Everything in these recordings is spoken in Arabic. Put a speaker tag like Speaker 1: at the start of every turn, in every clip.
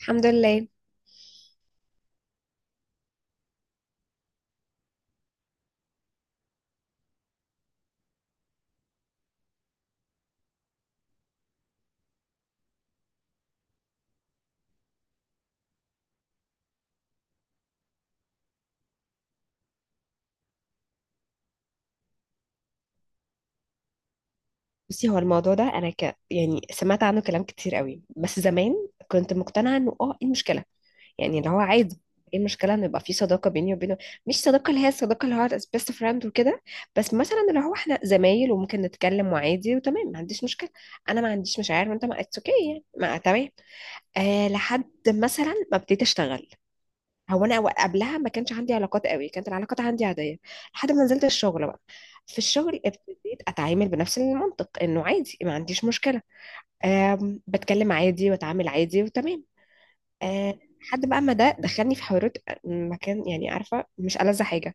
Speaker 1: الحمد لله. بصي، هو الموضوع ده يعني سمعت عنه كلام كتير قوي بس زمان. كنت مقتنعه انه ايه المشكله؟ يعني اللي هو عادي. ايه المشكله ان يبقى في صداقه بيني وبينه؟ مش صداقه اللي هي الصداقه اللي هو بيست فريند وكده، بس مثلا اللي هو احنا زمايل وممكن نتكلم وعادي وتمام، ما عنديش مشكله. انا ما عنديش مشاعر وانت ما اتس اوكي، يعني ما تمام. لحد مثلا ما ابتديت اشتغل. هو انا قبلها ما كانش عندي علاقات قوي، كانت العلاقات عندي عاديه لحد ما نزلت الشغل بقى. في الشغل ابتديت اتعامل بنفس المنطق انه عادي، ما عنديش مشكله. بتكلم عادي واتعامل عادي وتمام. لحد بقى ما ده دخلني في حوارات، مكان يعني عارفه مش ألذ حاجه.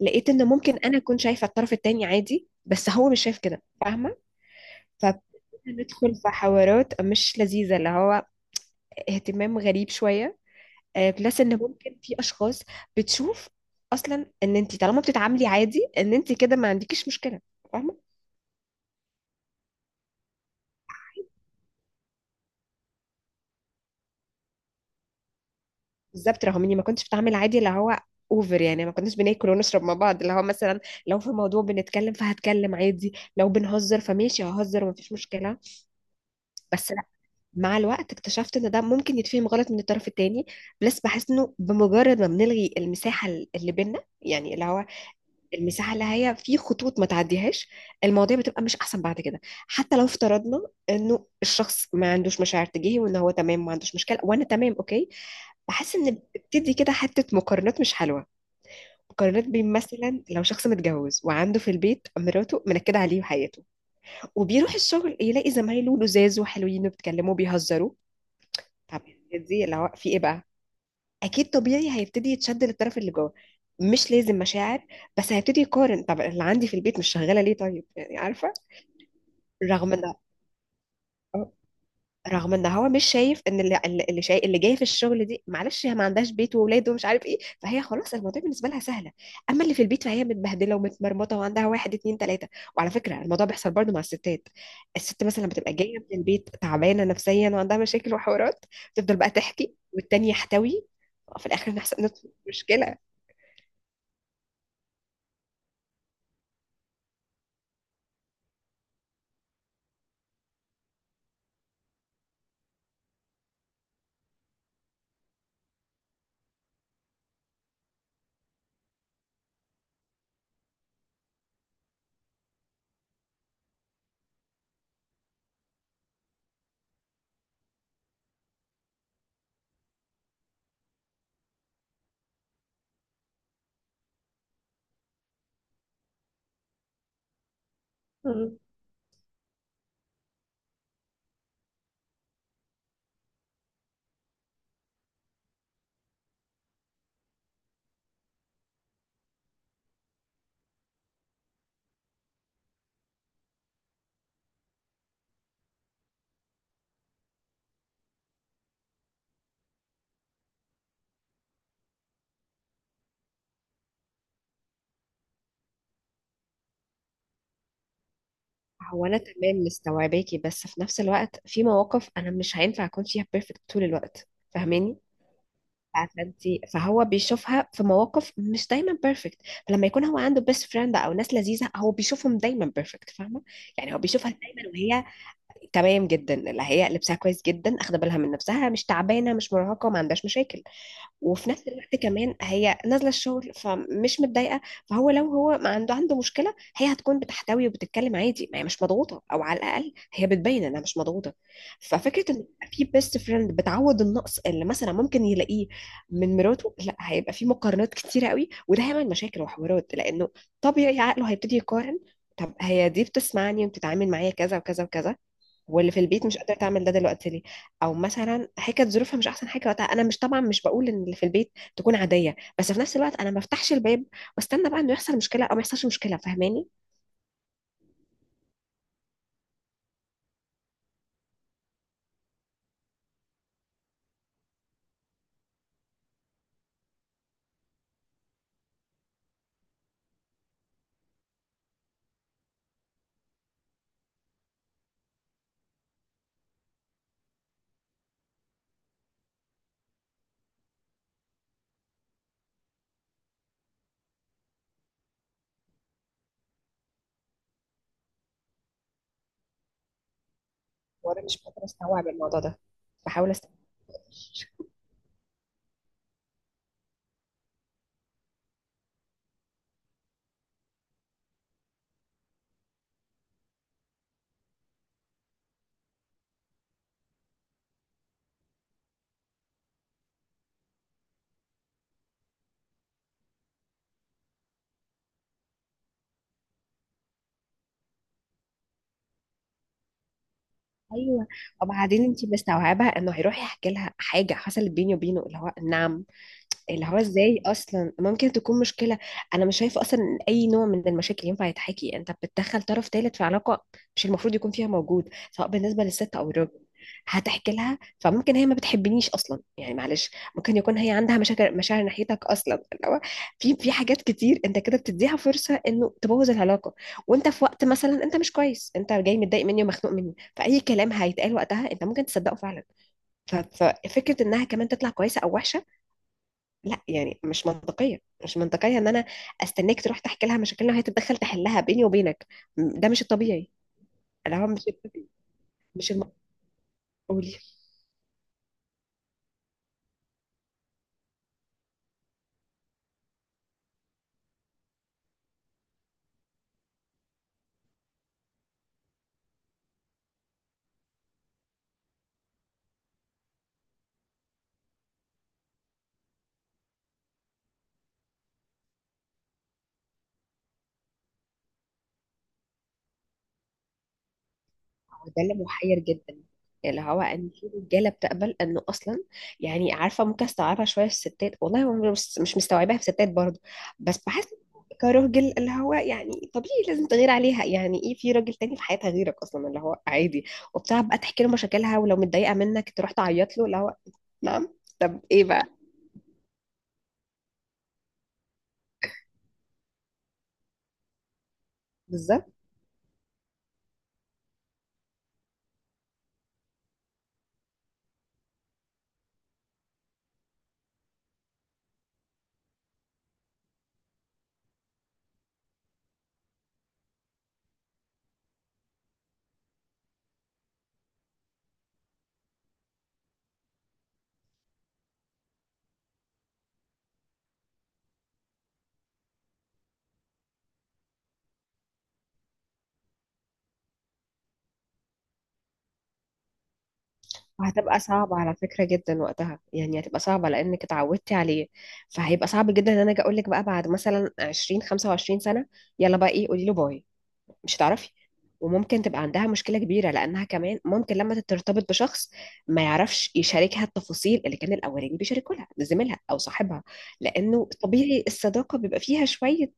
Speaker 1: لقيت ان ممكن انا اكون شايفه الطرف التاني عادي بس هو مش شايف كده، فاهمه. فبدأنا ندخل في حوارات مش لذيذه، اللي هو اهتمام غريب شويه. بلس ان ممكن في اشخاص بتشوف اصلا ان انت طالما بتتعاملي عادي ان انت كده ما عندكيش مشكله، فاهمه. بالظبط، رغم اني ما كنتش بتعامل عادي اللي هو اوفر. يعني ما كناش بناكل ونشرب مع بعض اللي هو مثلا، لو في موضوع بنتكلم فهتكلم عادي، لو بنهزر فماشي ههزر ومفيش مشكله. بس لا، مع الوقت اكتشفت ان ده ممكن يتفهم غلط من الطرف التاني. بلس بحس انه بمجرد ما بنلغي المساحه اللي بينا، يعني اللي هو المساحه اللي هي في خطوط ما تعديهاش، المواضيع بتبقى مش احسن بعد كده. حتى لو افترضنا انه الشخص ما عندوش مشاعر تجاهي وان هو تمام ما عندوش مشكله وانا تمام اوكي، بحس ان بتدي كده حته مقارنات مش حلوه. مقارنات بين مثلا لو شخص متجوز وعنده في البيت مراته منكده عليه وحياته، وبيروح الشغل يلاقي زمايله لزاز وحلوين وبيتكلموا بيهزروا. طب يعني دي اللي هو في ايه بقى؟ اكيد طبيعي هيبتدي يتشد للطرف اللي جوه، مش لازم مشاعر، بس هيبتدي يقارن. طب اللي عندي في البيت مش شغاله ليه؟ طيب، يعني عارفه، رغم ان آه، رغم ان هو مش شايف ان اللي شايف اللي جايه في الشغل دي، معلش هي ما عندهاش بيت واولاده ومش عارف ايه، فهي خلاص الموضوع بالنسبه لها سهله. اما اللي في البيت فهي متبهدله ومتمرمطه وعندها واحد اتنين تلاته. وعلى فكره الموضوع بيحصل برضو مع الستات. الست مثلا لما بتبقى جايه من البيت تعبانه نفسيا وعندها مشاكل وحوارات، تفضل بقى تحكي والتاني يحتوي، في الاخر نحصل مشكله. مم. هو انا تمام مستوعباكي، بس في نفس الوقت في مواقف انا مش هينفع اكون فيها بيرفكت طول الوقت، فاهماني. فهو بيشوفها في مواقف مش دايما بيرفكت. فلما يكون هو عنده بيست فريند او ناس لذيذه هو بيشوفهم دايما بيرفكت، فاهمه. يعني هو بيشوفها دايما وهي تمام جدا، اللي هي لبسها كويس جدا، اخده بالها من نفسها، مش تعبانه، مش مرهقه، ما عندهاش مشاكل. وفي نفس الوقت كمان هي نازله الشغل فمش متضايقه، فهو لو هو ما عنده مشكله هي هتكون بتحتوي وبتتكلم عادي، ما هي مش مضغوطه، او على الاقل هي بتبين انها مش مضغوطه. ففكره ان يبقى في بيست فريند بتعوض النقص اللي مثلا ممكن يلاقيه من مراته، لا، هيبقى في مقارنات كتيره قوي وده هيعمل مشاكل وحوارات، لانه طبيعي عقله هيبتدي يقارن. طب هي دي بتسمعني وبتتعامل معايا كذا وكذا وكذا، واللي في البيت مش قادره تعمل ده دلوقتي ليه؟ او مثلا هي كانت ظروفها مش احسن حاجه وقتها، انا مش طبعا مش بقول ان اللي في البيت تكون عاديه، بس في نفس الوقت انا ما بفتحش الباب واستنى بقى انه يحصل مشكله او ما يحصلش مشكله، فاهماني. وانا مش قادره استوعب الموضوع ده، بحاول استوعب. ايوه، وبعدين انت مستوعبه انه هيروح يحكي لها حاجه حصلت بيني وبينه، اللي هو نعم. اللي هو ازاي اصلا ممكن تكون مشكله؟ انا مش شايفه اصلا ان اي نوع من المشاكل ينفع يتحكي، انت بتدخل طرف ثالث في علاقه مش المفروض يكون فيها موجود، سواء بالنسبه للست او الراجل. هتحكي لها فممكن هي ما بتحبنيش اصلا، يعني معلش، ممكن يكون هي عندها مشاكل مشاعر ناحيتك اصلا، اللي هو في حاجات كتير انت كده بتديها فرصه انه تبوظ العلاقه. وانت في وقت مثلا انت مش كويس، انت جاي متضايق مني ومخنوق مني، فاي كلام هيتقال وقتها انت ممكن تصدقه فعلا. ففكره انها كمان تطلع كويسه او وحشه، لا يعني مش منطقية. مش منطقية ان انا استناك تروح تحكي لها مشاكلنا وهي تتدخل تحلها بيني وبينك. ده مش الطبيعي، اللي هو مش الطبيعي، مش المقبول. هو ده اللي محير جدا، اللي هو ان في رجاله بتقبل انه اصلا، يعني عارفه ممكن استوعبها شويه في الستات، والله هو مش مستوعباها في الستات برضه. بس بحس كراجل اللي هو يعني طبيعي لازم تغير عليها. يعني ايه في راجل تاني في حياتها غيرك اصلا اللي هو عادي، وبتاع بقى تحكي له مشاكلها ولو متضايقه منك تروح تعيط له، اللي هو نعم. طب ايه بقى؟ بالظبط. وهتبقى صعبة على فكرة جدا وقتها، يعني هتبقى صعبة لأنك اتعودتي عليه، فهيبقى صعب جدا إن أنا أجي أقول لك بقى بعد مثلا 20 25 سنة، يلا بقى إيه قولي له باي، مش هتعرفي. وممكن تبقى عندها مشكلة كبيرة، لأنها كمان ممكن لما ترتبط بشخص ما يعرفش يشاركها التفاصيل اللي كان الأولاني بيشاركوا لها زميلها أو صاحبها، لأنه طبيعي الصداقة بيبقى فيها شوية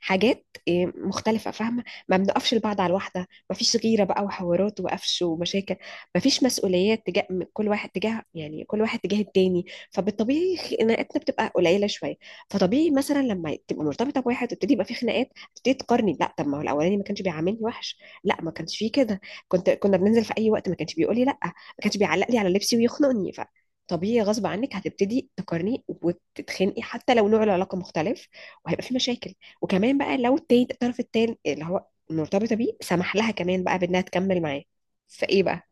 Speaker 1: حاجات مختلفة، فاهمة. ما بنقفش لبعض على الواحدة، ما فيش غيرة بقى وحوارات وقفش ومشاكل، ما فيش مسؤوليات تجاه من كل واحد تجاه يعني كل واحد تجاه التاني، فبالطبيعي خناقاتنا بتبقى قليلة شوية. فطبيعي مثلا لما تبقى مرتبطة بواحد وتبتدي يبقى في خناقات، تبتدي تقارني. لا، طب ما هو الاولاني ما كانش بيعاملني وحش، لا ما كانش فيه كده. كنا بننزل في اي وقت، ما كانش بيقول لي لا، ما كانش بيعلق لي على لبسي ويخنقني. ف طبيعي غصب عنك هتبتدي تقارني وتتخنقي حتى لو نوع العلاقه مختلف، وهيبقى في مشاكل. وكمان بقى لو الطرف التاني اللي هو مرتبطه بيه سمح لها كمان بقى بانها تكمل معاه، فايه بقى.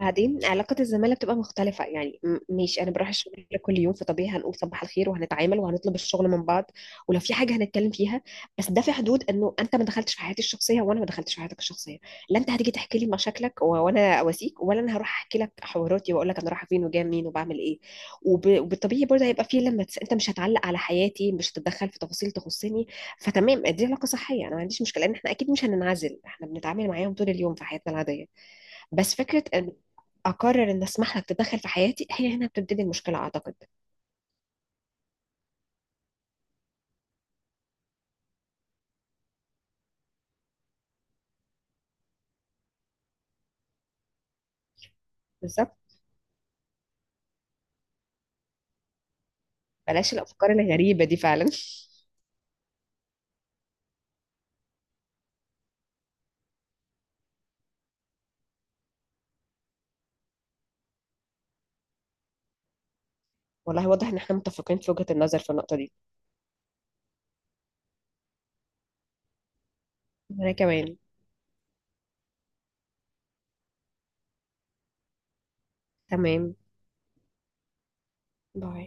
Speaker 1: بعدين علاقة الزمالة بتبقى مختلفة، يعني ماشي أنا بروح الشغل كل يوم، فطبيعي هنقول صباح الخير وهنتعامل وهنطلب الشغل من بعض، ولو في حاجة هنتكلم فيها. بس ده في حدود إنه أنت ما دخلتش في حياتي الشخصية وأنا ما دخلتش في حياتك الشخصية. لا أنت هتيجي تحكي لي مشاكلك وأنا أواسيك، ولا أنا هروح أحكي لك حواراتي وأقول لك أنا رايحة فين وجاية منين وبعمل إيه. وبالطبيعي برضه هيبقى في أنت مش هتعلق على حياتي، مش هتتدخل في تفاصيل تخصني. فتمام، دي علاقة صحية، أنا ما عنديش مشكلة، لأن إحنا أكيد مش هننعزل، إحنا بنتعامل معاهم طول اليوم في حياتنا العادية. بس فكرة ان اقرر ان اسمح لك تتدخل في حياتي، هي هنا بتبتدي المشكلة، اعتقد. بالظبط، بلاش الافكار الغريبة دي فعلا. والله واضح ان احنا متفقين في وجهة النظر في النقطة دي. وانا كمان تمام. باي.